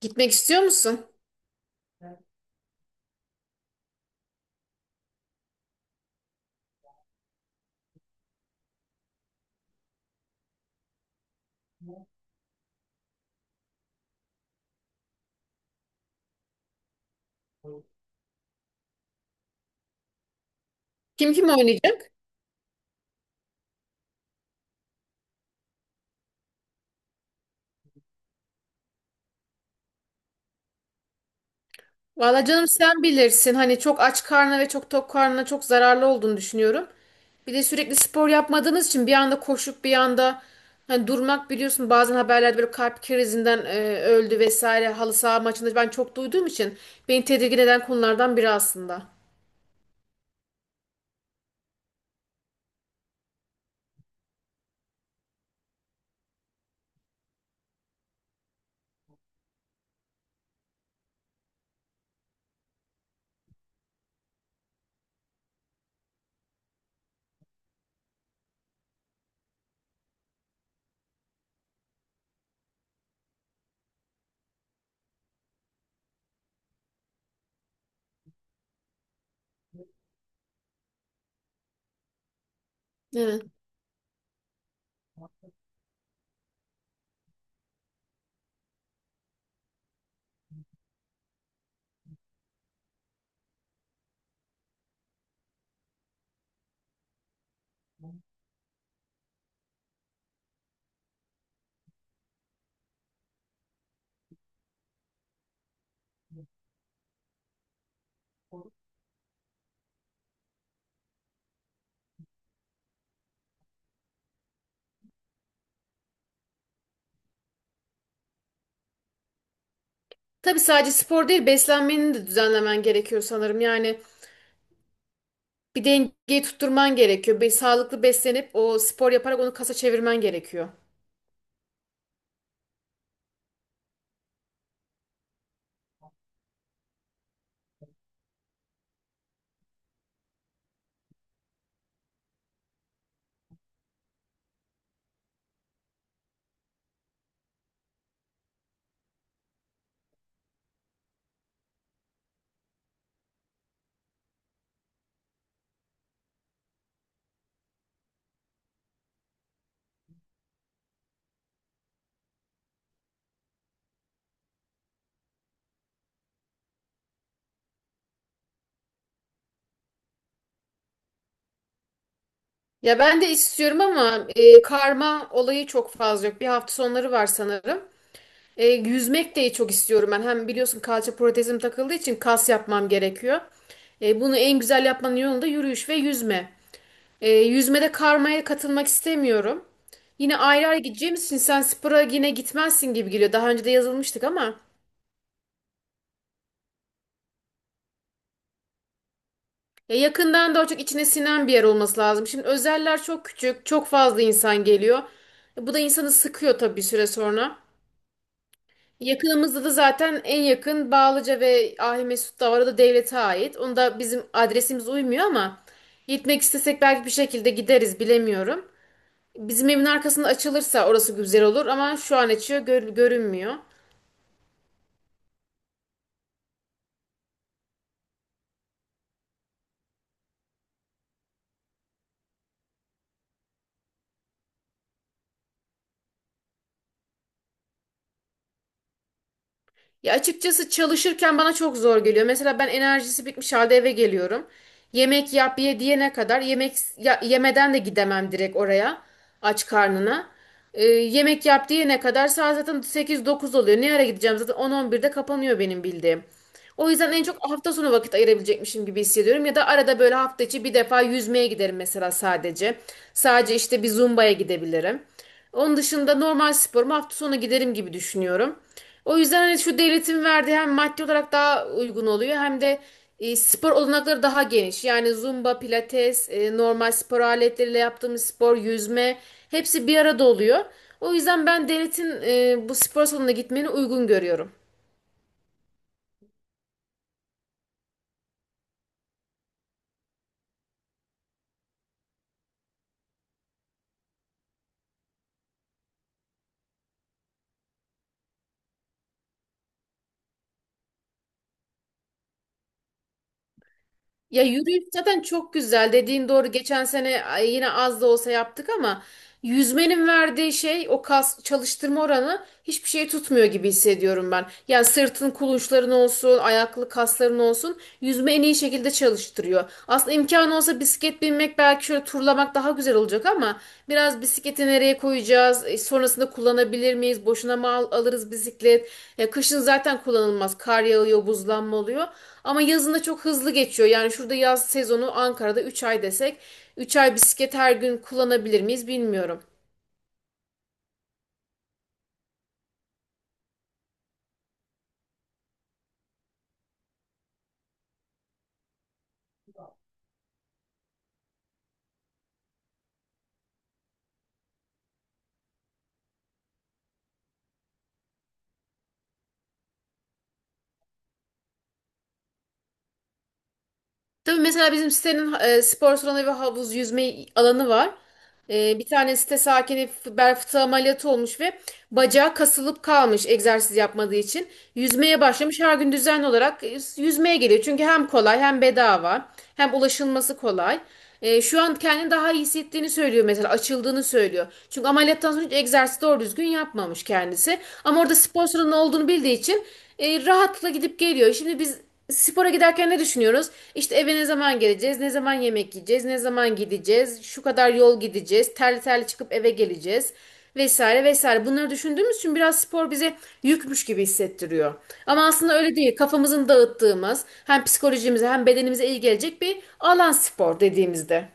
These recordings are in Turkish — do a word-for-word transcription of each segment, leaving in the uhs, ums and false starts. Gitmek istiyor musun? Kim kim oynayacak? Valla canım, sen bilirsin. Hani çok aç karnına ve çok tok karnına çok zararlı olduğunu düşünüyorum. Bir de sürekli spor yapmadığınız için bir anda koşup bir anda hani durmak, biliyorsun, bazen haberlerde böyle kalp krizinden e, öldü vesaire halı saha maçında ben çok duyduğum için beni tedirgin eden konulardan biri aslında. Evet. Tabii sadece spor değil, beslenmeni de düzenlemen gerekiyor sanırım. Yani bir dengeyi tutturman gerekiyor. Bir sağlıklı beslenip o spor yaparak onu kasa çevirmen gerekiyor. Ya ben de istiyorum ama e, karma olayı çok fazla yok. Bir, hafta sonları var sanırım. E, yüzmek de çok istiyorum ben. Hem biliyorsun, kalça protezim takıldığı için kas yapmam gerekiyor. E, bunu en güzel yapmanın yolu da yürüyüş ve yüzme. E, yüzmede karmaya katılmak istemiyorum. Yine ayrı ayrı gideceğimiz için sen spora yine gitmezsin gibi geliyor. Daha önce de yazılmıştık ama ya yakından da çok içine sinen bir yer olması lazım. Şimdi özeller çok küçük, çok fazla insan geliyor. E, bu da insanı sıkıyor tabii bir süre sonra. Yakınımızda da zaten en yakın Bağlıca ve Ahimesut da var. O da devlete ait. Onda bizim adresimiz uymuyor ama gitmek istesek belki bir şekilde gideriz, bilemiyorum. Bizim evin arkasında açılırsa orası güzel olur ama şu an açıyor gör- görünmüyor. Ya açıkçası çalışırken bana çok zor geliyor. Mesela ben enerjisi bitmiş halde eve geliyorum. Yemek yap, ye diyene kadar yemek ya- yemeden de gidemem direkt oraya, aç karnına. Ee, yemek yap diyene kadar saat zaten sekiz dokuz oluyor. Ne ara gideceğim, zaten on on birde kapanıyor benim bildiğim. O yüzden en çok hafta sonu vakit ayırabilecekmişim gibi hissediyorum. Ya da arada böyle hafta içi bir defa yüzmeye giderim mesela, sadece. Sadece işte bir zumbaya gidebilirim. Onun dışında normal sporuma hafta sonu giderim gibi düşünüyorum. O yüzden hani şu devletin verdiği hem maddi olarak daha uygun oluyor, hem de e, spor olanakları daha geniş. Yani zumba, pilates, e, normal spor aletleriyle yaptığımız spor, yüzme, hepsi bir arada oluyor. O yüzden ben devletin e, bu spor salonuna gitmeni uygun görüyorum. Ya yürüyüş zaten çok güzel. Dediğin doğru. Geçen sene ay, yine az da olsa yaptık ama yüzmenin verdiği şey, o kas çalıştırma oranı, hiçbir şey tutmuyor gibi hissediyorum ben. Yani sırtın kulunçların olsun, ayaklı kasların olsun, yüzme en iyi şekilde çalıştırıyor. Aslında imkanı olsa bisiklet binmek, belki şöyle turlamak daha güzel olacak ama biraz bisikleti nereye koyacağız? E, sonrasında kullanabilir miyiz? Boşuna mı al- alırız bisiklet? E, kışın zaten kullanılmaz. Kar yağıyor, buzlanma oluyor. Ama yazında çok hızlı geçiyor. Yani şurada yaz sezonu Ankara'da üç ay desek, üç ay bisiklet her gün kullanabilir miyiz bilmiyorum. Tabii mesela bizim sitenin e, spor salonu ve havuz yüzme alanı var. E, bir tane site sakini f- bel fıtığı ameliyatı olmuş ve bacağı kasılıp kalmış egzersiz yapmadığı için. Yüzmeye başlamış, her gün düzenli olarak e, yüzmeye geliyor. Çünkü hem kolay, hem bedava, hem ulaşılması kolay. E, şu an kendini daha iyi hissettiğini söylüyor, mesela açıldığını söylüyor. Çünkü ameliyattan sonra hiç egzersiz doğru düzgün yapmamış kendisi. Ama orada spor salonu olduğunu bildiği için e, rahatlıkla gidip geliyor. Şimdi biz spora giderken ne düşünüyoruz? İşte eve ne zaman geleceğiz, ne zaman yemek yiyeceğiz, ne zaman gideceğiz, şu kadar yol gideceğiz, terli terli çıkıp eve geleceğiz, vesaire vesaire. Bunları düşündüğümüz için biraz spor bize yükmüş gibi hissettiriyor. Ama aslında öyle değil. Kafamızın dağıttığımız, hem psikolojimize hem bedenimize iyi gelecek bir alan spor, dediğimizde.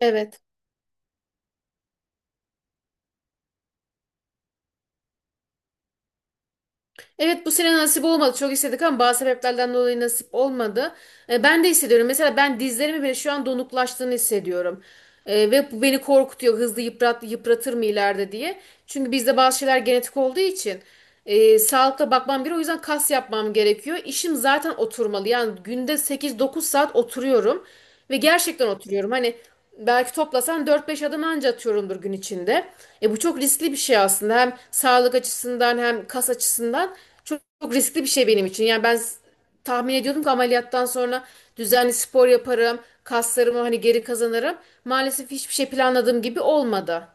Evet. Evet, bu sene nasip olmadı. Çok istedik ama bazı sebeplerden dolayı nasip olmadı. E, ben de hissediyorum. Mesela ben dizlerimin bile şu an donuklaştığını hissediyorum. E, ve bu beni korkutuyor. Hızlı yıprat, yıpratır mı ileride diye. Çünkü bizde bazı şeyler genetik olduğu için e, sağlıkla bakmam gerekiyor. O yüzden kas yapmam gerekiyor. İşim zaten oturmalı. Yani günde sekiz dokuz saat oturuyorum. Ve gerçekten oturuyorum. Hani, belki toplasan dört beş adım anca atıyorumdur gün içinde. E, bu çok riskli bir şey aslında. Hem sağlık açısından hem kas açısından çok, çok riskli bir şey benim için. Yani ben s- tahmin ediyordum ki ameliyattan sonra düzenli spor yaparım, kaslarımı hani geri kazanırım. Maalesef hiçbir şey planladığım gibi olmadı.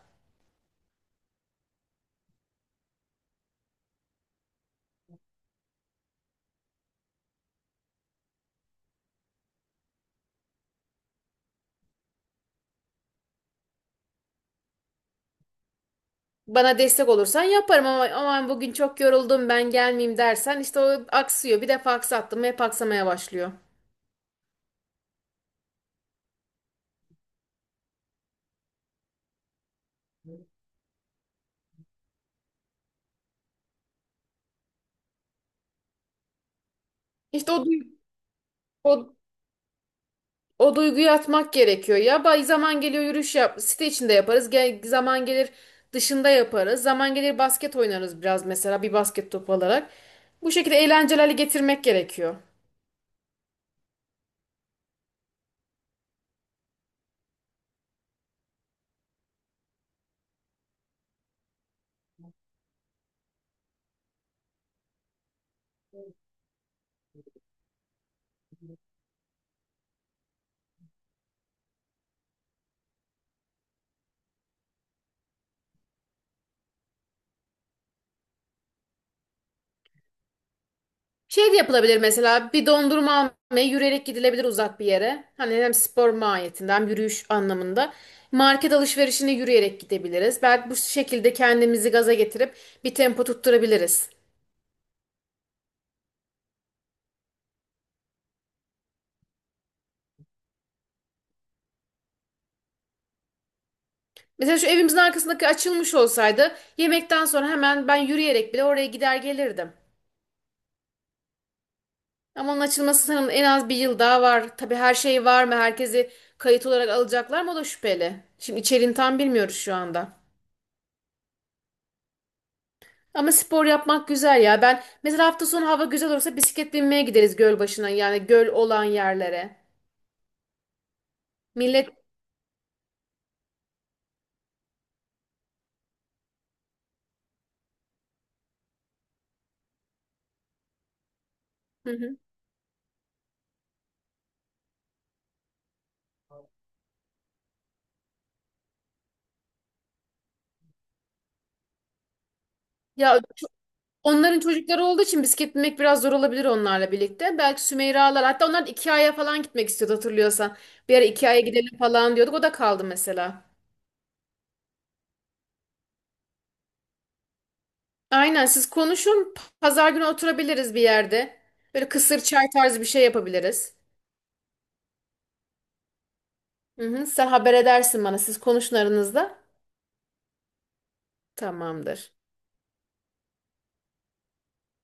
Bana destek olursan yaparım ama aman bugün çok yoruldum ben gelmeyeyim dersen, işte o aksıyor. Bir defa aksattım, hep aksamaya başlıyor. İşte o, du- o O duyguyu atmak gerekiyor ya. Bay zaman geliyor, yürüyüş yap. Site içinde yaparız. Gel, zaman gelir dışında yaparız. Zaman gelir basket oynarız biraz mesela, bir basket topu alarak. Bu şekilde eğlencelerle getirmek gerekiyor. Şey de yapılabilir, mesela bir dondurma almaya yürüyerek gidilebilir uzak bir yere. Hani hem spor mahiyetinde hem yürüyüş anlamında. Market alışverişine yürüyerek gidebiliriz. Belki bu şekilde kendimizi gaza getirip bir tempo tutturabiliriz. Mesela şu evimizin arkasındaki açılmış olsaydı, yemekten sonra hemen ben yürüyerek bile oraya gider gelirdim. Ama onun açılması sanırım en az bir yıl daha var. Tabii her şey var mı? Herkesi kayıt olarak alacaklar mı? O da şüpheli. Şimdi içeriğini tam bilmiyoruz şu anda. Ama spor yapmak güzel ya. Ben mesela hafta sonu hava güzel olursa bisiklet binmeye gideriz göl başına. Yani göl olan yerlere. Millet. Hı hı. Ya, onların çocukları olduğu için bisiklet binmek biraz zor olabilir onlarla birlikte. Belki Sümeyra'lar, hatta onlar da Ikea'ya falan gitmek istiyordu, hatırlıyorsan. Bir ara Ikea'ya gidelim falan diyorduk, o da kaldı mesela. Aynen, siz konuşun, pazar günü oturabiliriz bir yerde. Böyle kısır çay tarzı bir şey yapabiliriz. Hı hı, sen haber edersin bana, siz konuşun aranızda. Tamamdır.